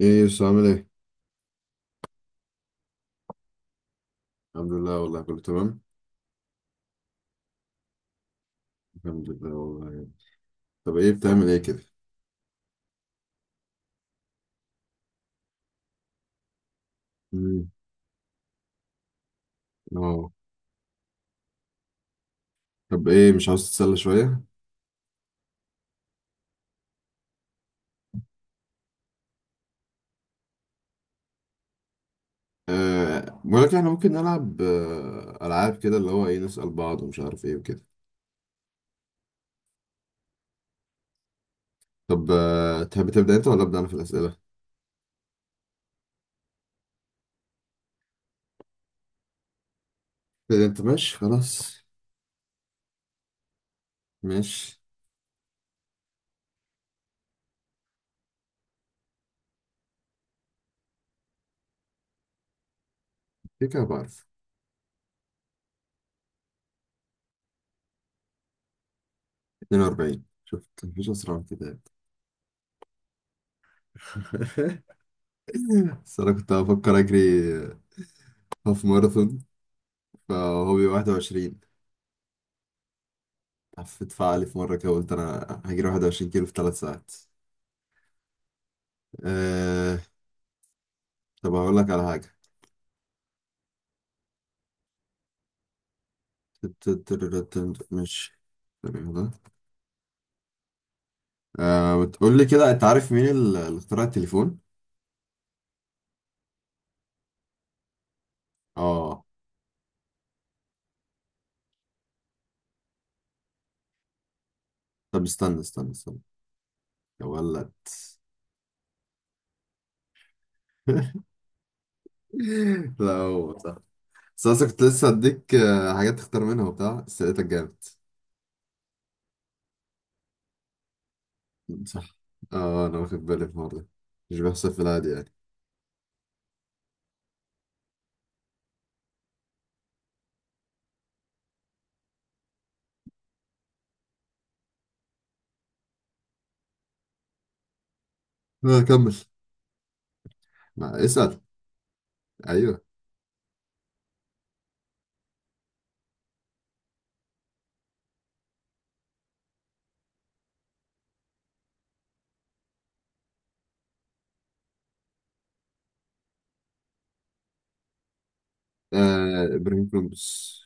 ايه يا يوسف، عامل ايه؟ الحمد لله والله، كله تمام. الحمد لله والله. طب ايه بتعمل ايه كده؟ مم. اه. طب ايه مش عاوز تتسلى شوية؟ بقول لك احنا ممكن نلعب ألعاب كده، اللي هو ايه، نسأل بعض ومش عارف ايه وكده. طب تحب تبدأ انت ولا أبدأ أنا في الأسئلة؟ تبدأ انت، ماشي خلاص. ماشي. كده كده بعرف. 42، شفت؟ مفيش أسرع من كده. بس أنا كنت بفكر أجري هاف ماراثون، فهو بيبقى 21. حفيت فعالي في مرة كده، قلت أنا هجري 21 كيلو في ثلاث ساعات. أه... طب هقول لك على حاجة. ماشي. تمام ده. بتقول لي كده، أنت عارف مين اللي اخترع التليفون؟ آه. طب استنى استنى استنى. يا ولد! لا، هو صح. بس أنا كنت لسه هديك حاجات تختار منها وبتاع، بس لقيتك جامد. صح. آه، أنا واخد بالي في الموضوع ده. مش بيحصل في العادي يعني. آه، كمل. اسأل. أيوه. آه، إبراهيم كولومبوس.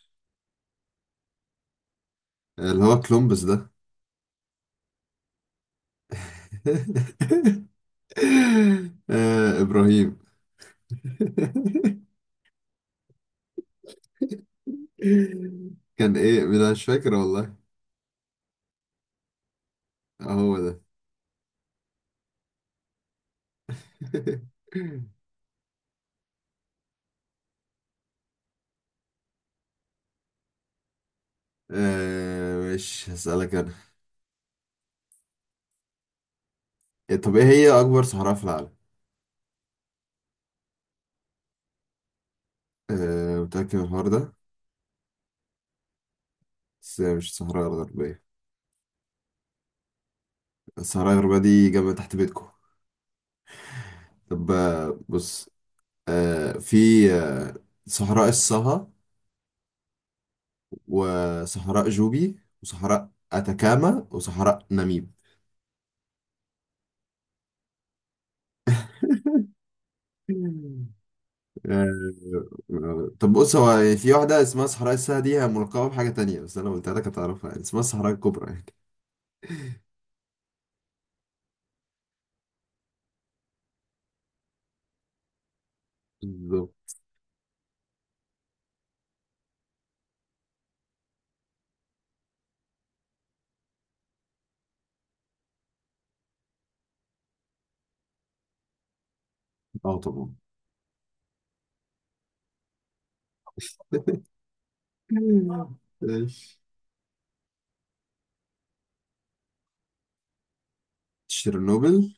اللي هو كلومبس ده. آه، إبراهيم. كان إيه، أنا مش فاكر والله. آه، هو ده. آه، مش هسألك أنا. إيه، طب إيه هي أكبر صحراء في العالم؟ آه، متأكد من الحوار ده؟ بس هي مش الصحراء الغربية. الصحراء الغربية دي جنب تحت بيتكم. طب بص. في آه، صحراء الصها، وصحراء جوبي، وصحراء أتاكاما، وصحراء ناميب. آه، طب بص، هو في واحدة اسمها صحراء الساعة دي، هي ملقبة بحاجة تانية، بس أنا قلت لك هتعرفها يعني، اسمها الصحراء الكبرى يعني. بالظبط. اه طبعا. ماشي. تشيرنوبل.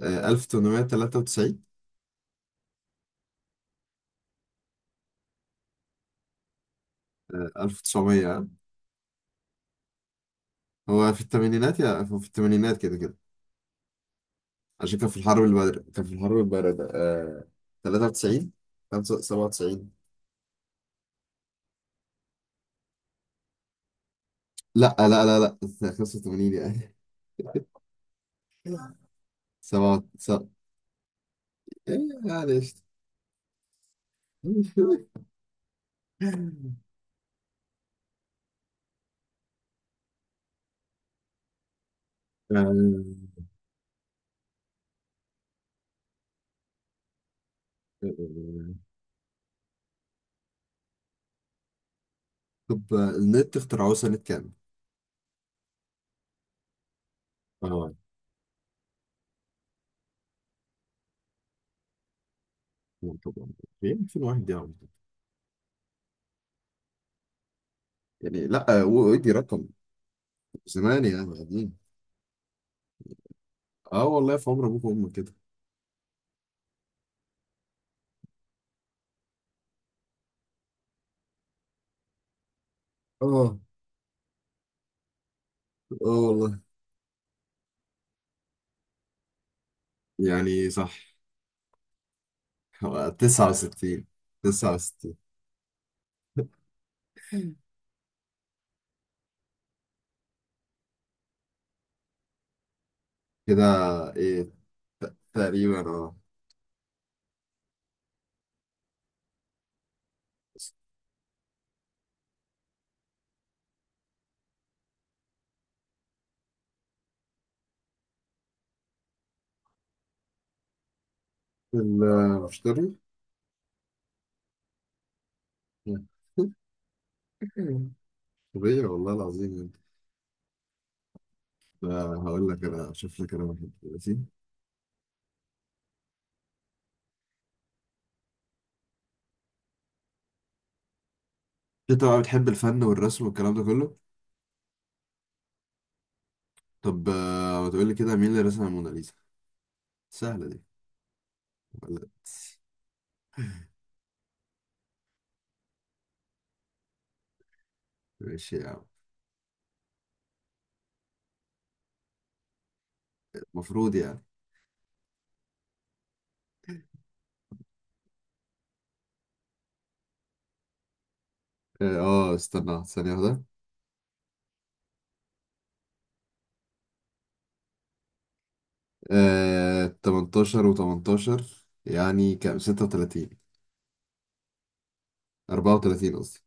1893. 1900. هو في الثمانينات، يا هو في الثمانينات كده كده. عشان كان في الحرب الباردة، كان في الحرب الباردة. 93، 95، 97. لا لا لا لا. 85 يعني. 7، 7. معلش. آه، آه، طب النت اخترعوه سنة كام؟ اه طبعا. في 2001 يعني. يعني لا، ودي رقم زمان يعني، قديم. اه والله، في عمر ابوك وامك كده. اه. اه والله. يعني صح، هو 69. 69. كده. ايه. تقريبا، اه. المشتري. طبيعي والله العظيم. انت، هقول لك انا اشوف لك انا واحد دلوقتي. انت بقى بتحب الفن والرسم والكلام ده كله. طب ما تقول لي كده، مين اللي رسم الموناليزا؟ سهله دي. ولا. ماشي يا عم. المفروض يعني. اه. استنى ثانيه واحده. 18 و18، يعني كام، 36. 34 قصدي.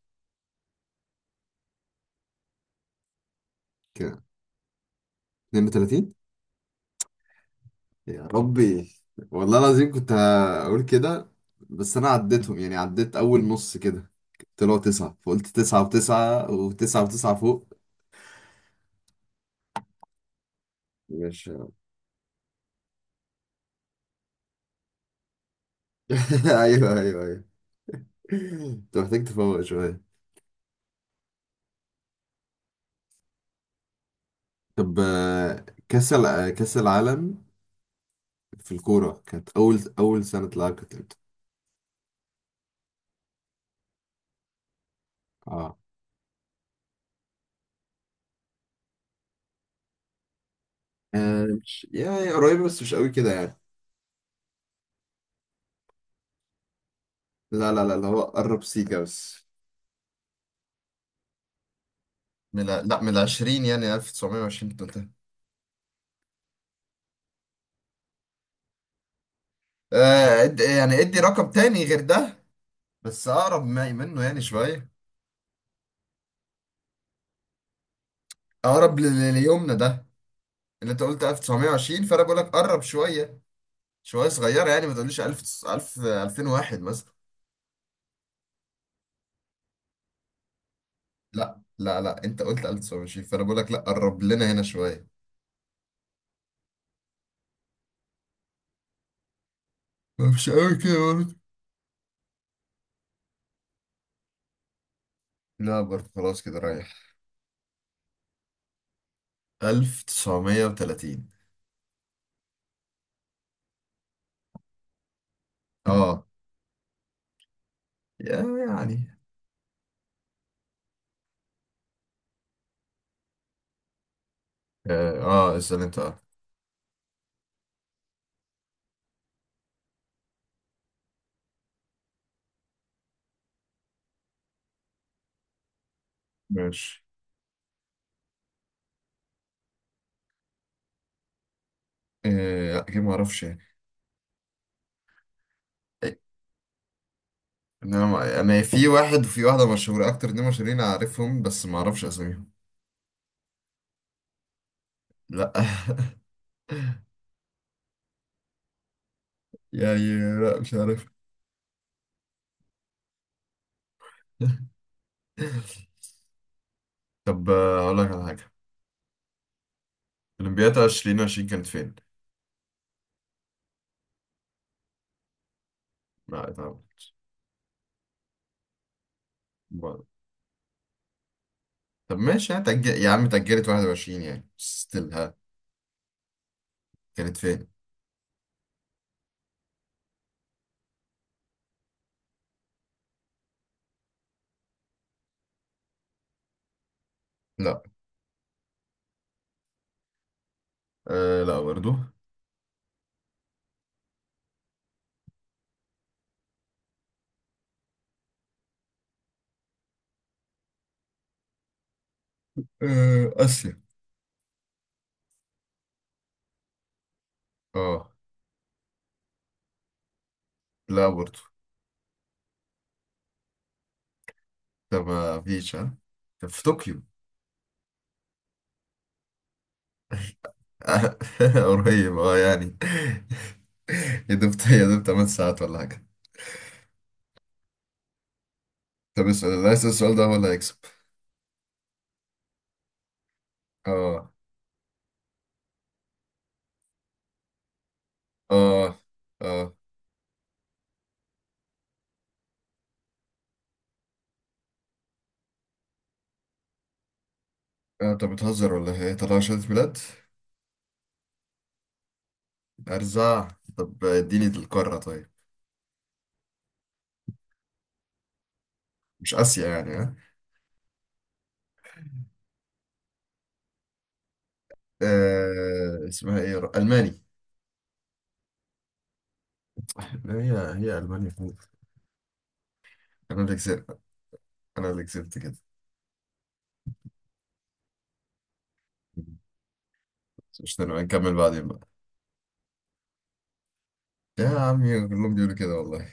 كام؟ 32. يا ربي، والله العظيم كنت هقول كده. بس انا عديتهم يعني، عديت اول نص كده، طلعوا تسعة، فقلت تسعة وتسعة وتسعة وتسعة فوق. مش. ايوه ايوه ايوه. انت محتاج تفوق شوية. طب كأس العالم في الكورة، كانت أول أول سنة تلعب كانت امتى؟ اه. مش يعني قريبة، بس مش قوي كده يعني. لا لا لا، اللي هو قرب سيكا بس. لا، من العشرين يعني، 1920 كنت قلتها. يعني ادي رقم تاني غير ده، بس اقرب منه يعني شويه. اقرب ليومنا ده، اللي انت قلت 1920، فانا بقول لك قرب شويه. شويه صغيره يعني، ما تقوليش 1000، 1000، 2001 مثلا. لا لا لا، انت قلت 1920، فانا بقول لك لا، قرب لنا هنا شويه. مش قوي كده برضه. لا برضه، خلاص كده رايح. 1930. اه. يعني. اه. اسال انت. اه. ماشي. لا، كده ما اعرفش يعني. إيه، إن انا ما- انا في واحد وفي واحده مشهوره، اكتر اتنين مشهورين اعرفهم، بس ما اعرفش اساميهم. لا. يعني لا، مش عارف. طب اقول لك على حاجه. اولمبياد 2020 كانت فين؟ لا، اتعملت. طب ماشي، هتأجل يا عم، اتأجلت 21 يعني ستيل ها. كانت فين؟ لا. آه، لا برضو. آسيا. اه، لا برضو. ده ما فيش ها. طب في طوكيو. آه، قريب اه يعني. يا دوب يا دوب 8 ساعات ولا حاجة. طب اسأل، اللي هيسأل السؤال ده هو اللي هيكسب. اه. اه. اه. انت بتهزر ولا ايه؟ طلع شهادة ميلاد؟ ارزع. طب اديني القارة طيب. مش آسيا يعني ها. آه، اسمها ايه، الماني. هي هي ألمانيا فوق. أنا اللي كسبت. أنا اللي كسبت كده. مش نبقى نكمل بعدين بقى. يا عمي كلهم بيقولوا كده والله.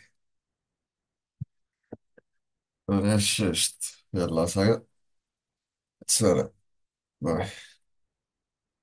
غششت. يلا سلام. سلام. باي.